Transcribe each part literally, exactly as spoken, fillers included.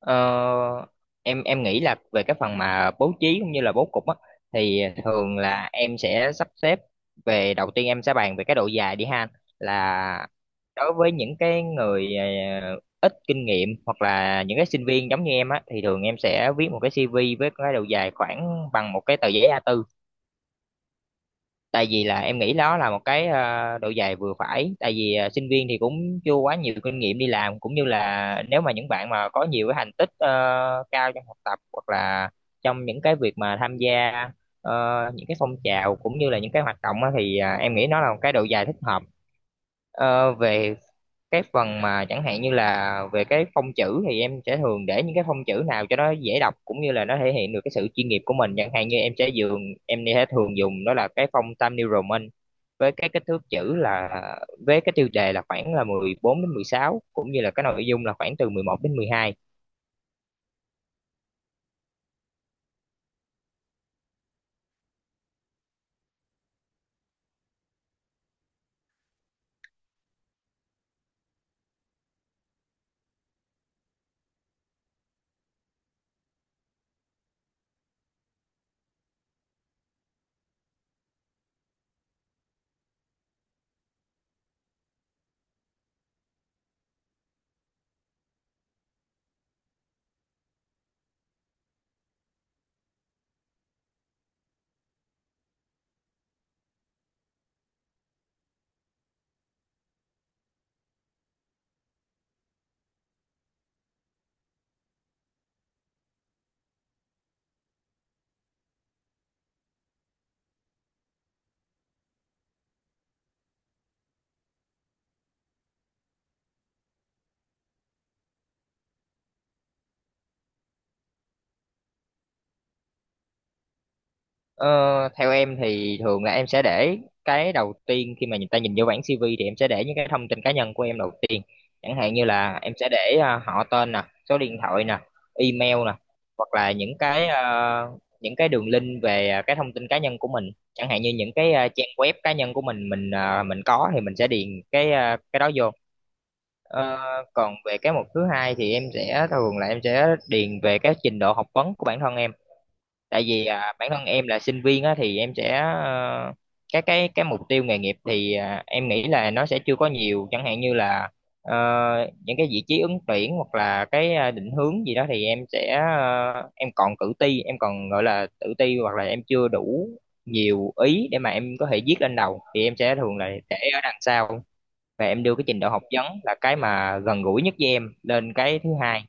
Ờ, em em nghĩ là về cái phần mà bố trí cũng như là bố cục á thì thường là em sẽ sắp xếp về đầu tiên em sẽ bàn về cái độ dài đi ha, là đối với những cái người ờ, ít kinh nghiệm hoặc là những cái sinh viên giống như em á thì thường em sẽ viết một cái xê vê với cái độ dài khoảng bằng một cái tờ giấy a bốn. Tại vì là em nghĩ đó là một cái ờ, độ dày vừa phải, tại vì ờ, sinh viên thì cũng chưa quá nhiều kinh nghiệm đi làm, cũng như là nếu mà những bạn mà có nhiều cái thành tích ờ, cao trong học tập hoặc là trong những cái việc mà tham gia ờ, những cái phong trào cũng như là những cái hoạt động á, thì ờ, em nghĩ nó là một cái độ dài thích hợp. Ờ, về cái phần mà chẳng hạn như là về cái phông chữ, thì em sẽ thường để những cái phông chữ nào cho nó dễ đọc cũng như là nó thể hiện được cái sự chuyên nghiệp của mình. Chẳng hạn như em sẽ dùng em sẽ thường dùng đó là cái phông Times New Roman với cái kích thước chữ là, với cái tiêu đề là khoảng là mười bốn đến mười sáu, cũng như là cái nội dung là khoảng từ mười một đến mười hai. Ờ, Theo em thì thường là em sẽ để cái đầu tiên khi mà người ta nhìn vô bảng xê vê thì em sẽ để những cái thông tin cá nhân của em đầu tiên. Chẳng hạn như là em sẽ để à, họ tên nè, số điện thoại nè, email nè, hoặc là những cái à, những cái đường link về à, cái thông tin cá nhân của mình. Chẳng hạn như những cái à, trang web cá nhân của mình mình à, mình có thì mình sẽ điền cái à, cái đó vô. Ờ, Còn về cái mục thứ hai thì em sẽ thường là em sẽ điền về cái trình độ học vấn của bản thân em, tại vì à, bản thân em là sinh viên á thì em sẽ ờ, cái cái cái mục tiêu nghề nghiệp thì à, em nghĩ là nó sẽ chưa có nhiều, chẳng hạn như là ờ, những cái vị trí ứng tuyển hoặc là cái à, định hướng gì đó thì em sẽ ờ, em còn tự ti em còn gọi là tự ti hoặc là em chưa đủ nhiều ý để mà em có thể viết lên đầu thì em sẽ thường là để ở đằng sau, và em đưa cái trình độ học vấn là cái mà gần gũi nhất với em lên cái thứ hai.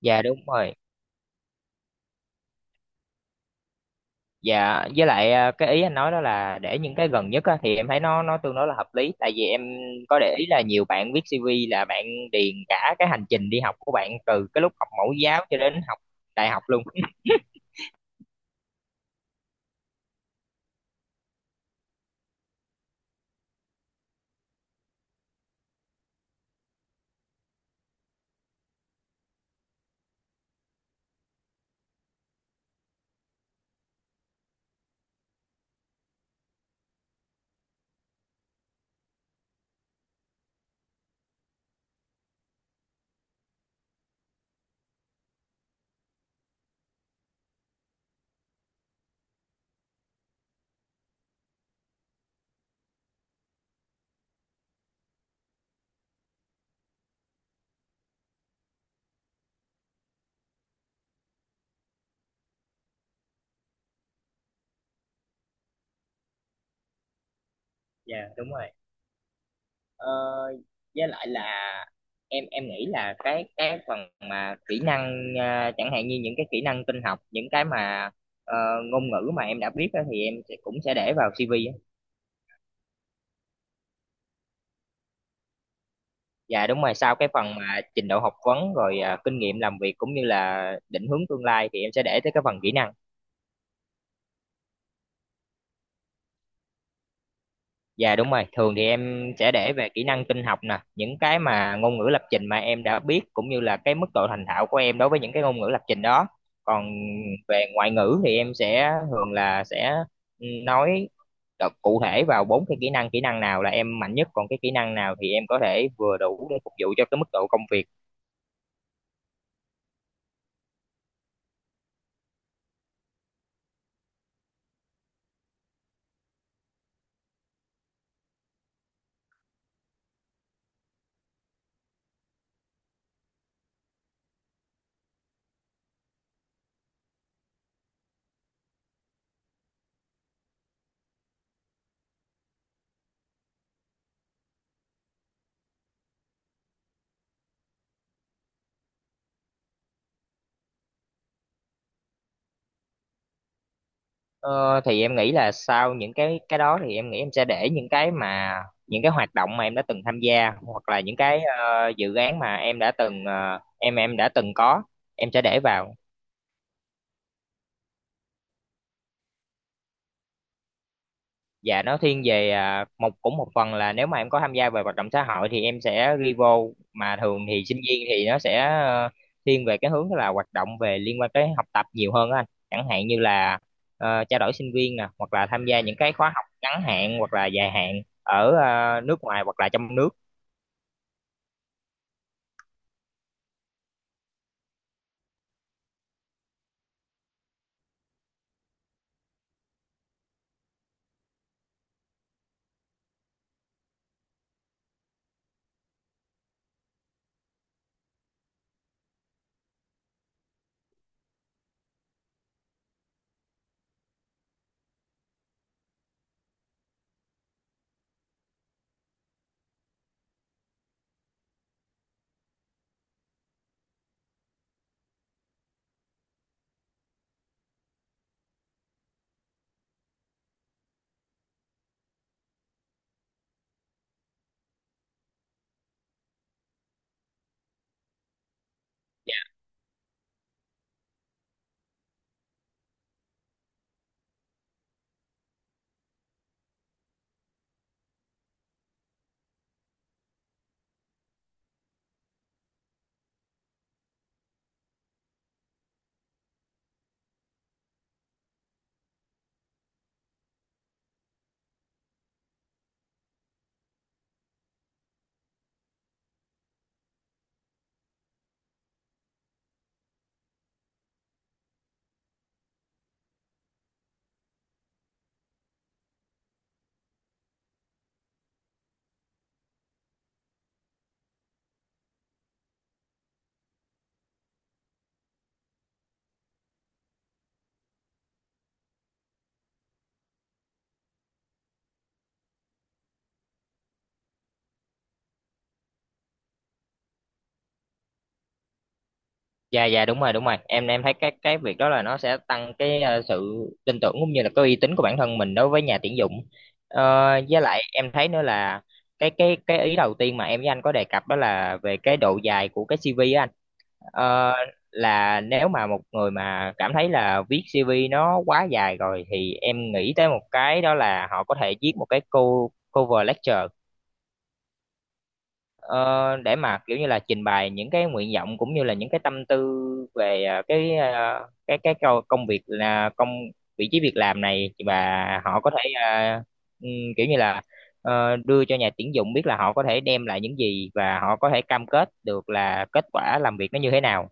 Dạ đúng rồi. Dạ, với lại à, cái ý anh nói đó là để những cái gần nhất á, thì em thấy nó nó tương đối là hợp lý. Tại vì em có để ý là nhiều bạn viết xi vi là bạn điền cả cái hành trình đi học của bạn từ cái lúc học mẫu giáo cho đến học đại học luôn. Dạ đúng rồi. Ờ, với lại là em em nghĩ là cái cái phần mà kỹ năng, à, chẳng hạn như những cái kỹ năng tin học, những cái mà ờ, ngôn ngữ mà em đã biết á, thì em sẽ, cũng sẽ để vào xê vê á. Dạ đúng rồi, sau cái phần mà trình độ học vấn rồi à, kinh nghiệm làm việc cũng như là định hướng tương lai thì em sẽ để tới cái phần kỹ năng. Dạ đúng rồi, thường thì em sẽ để về kỹ năng tin học nè, những cái mà ngôn ngữ lập trình mà em đã biết, cũng như là cái mức độ thành thạo của em đối với những cái ngôn ngữ lập trình đó. Còn về ngoại ngữ thì em sẽ thường là sẽ nói, đọc cụ thể vào bốn cái kỹ năng, kỹ năng nào là em mạnh nhất, còn cái kỹ năng nào thì em có thể vừa đủ để phục vụ cho cái mức độ công việc. Ờ, thì em nghĩ là sau những cái cái đó thì em nghĩ em sẽ để những cái mà những cái hoạt động mà em đã từng tham gia, hoặc là những cái ờ, dự án mà em đã từng ờ, em em đã từng có, em sẽ để vào. Dạ nó thiên về à, một, cũng một phần là nếu mà em có tham gia về hoạt động xã hội thì em sẽ ghi vô, mà thường thì sinh viên thì nó sẽ ờ, thiên về cái hướng là hoạt động về liên quan tới học tập nhiều hơn á anh. Chẳng hạn như là ờ, trao đổi sinh viên nè, hoặc là tham gia những cái khóa học ngắn hạn hoặc là dài hạn ở ờ, nước ngoài hoặc là trong nước. Dạ dạ đúng rồi, đúng rồi, em em thấy cái cái việc đó là nó sẽ tăng cái ờ, sự tin tưởng cũng như là cái uy tín của bản thân mình đối với nhà tuyển dụng. Ờ, với lại em thấy nữa là cái cái cái ý đầu tiên mà em với anh có đề cập đó là về cái độ dài của cái xi vi á anh. Ờ, là nếu mà một người mà cảm thấy là viết xi vi nó quá dài rồi thì em nghĩ tới một cái đó là họ có thể viết một cái cô cover letter. Ờ, để mà kiểu như là trình bày những cái nguyện vọng cũng như là những cái tâm tư về à, cái à, cái cái câu- công việc là công vị trí việc làm này, và họ có thể à, ừm, kiểu như là ờ, đưa cho nhà tuyển dụng biết là họ có thể đem lại những gì và họ có thể cam kết được là kết quả làm việc nó như thế nào.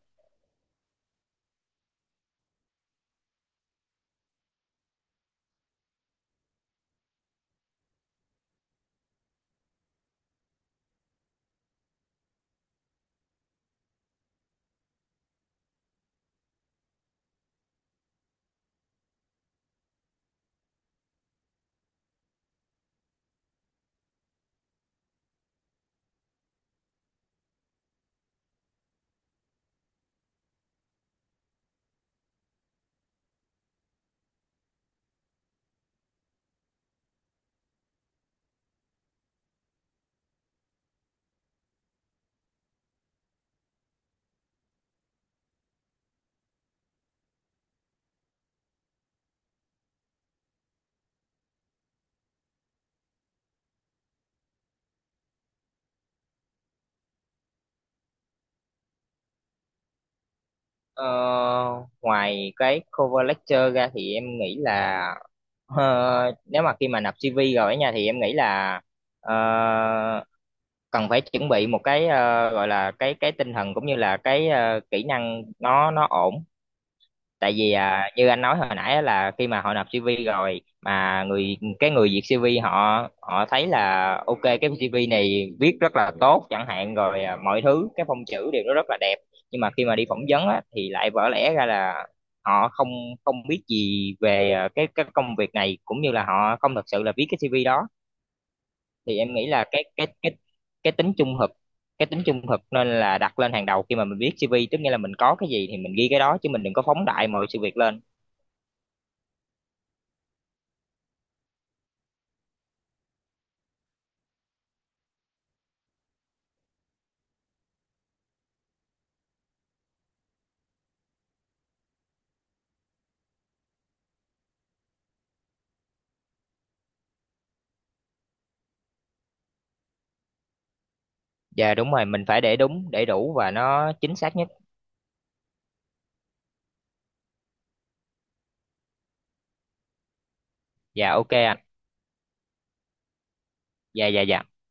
Ờ, Ngoài cái cover letter ra thì em nghĩ là ờ, nếu mà khi mà nộp xê vê rồi ở nhà thì em nghĩ là ờ, cần phải chuẩn bị một cái ờ, gọi là cái cái tinh thần, cũng như là cái ờ, kỹ năng nó nó ổn. Tại vì à, như anh nói hồi nãy á, là khi mà họ nộp xi vi rồi mà người cái người duyệt xi vi họ họ thấy là ok, cái xi vi này viết rất là tốt chẳng hạn, rồi à, mọi thứ, cái phông chữ đều nó rất là đẹp, nhưng mà khi mà đi phỏng vấn á, thì lại vỡ lẽ ra là họ không không biết gì về à, cái cái công việc này, cũng như là họ không thật sự là viết cái xi vi đó. Thì em nghĩ là cái cái cái cái tính trung thực, cái tính trung thực nên là đặt lên hàng đầu khi mà mình viết xê vê, tức nghĩa là mình có cái gì thì mình ghi cái đó, chứ mình đừng có phóng đại mọi sự việc lên. Dạ đúng rồi, mình phải để đúng, để đủ, và nó chính xác nhất. Dạ, ok anh. Dạ dạ dạ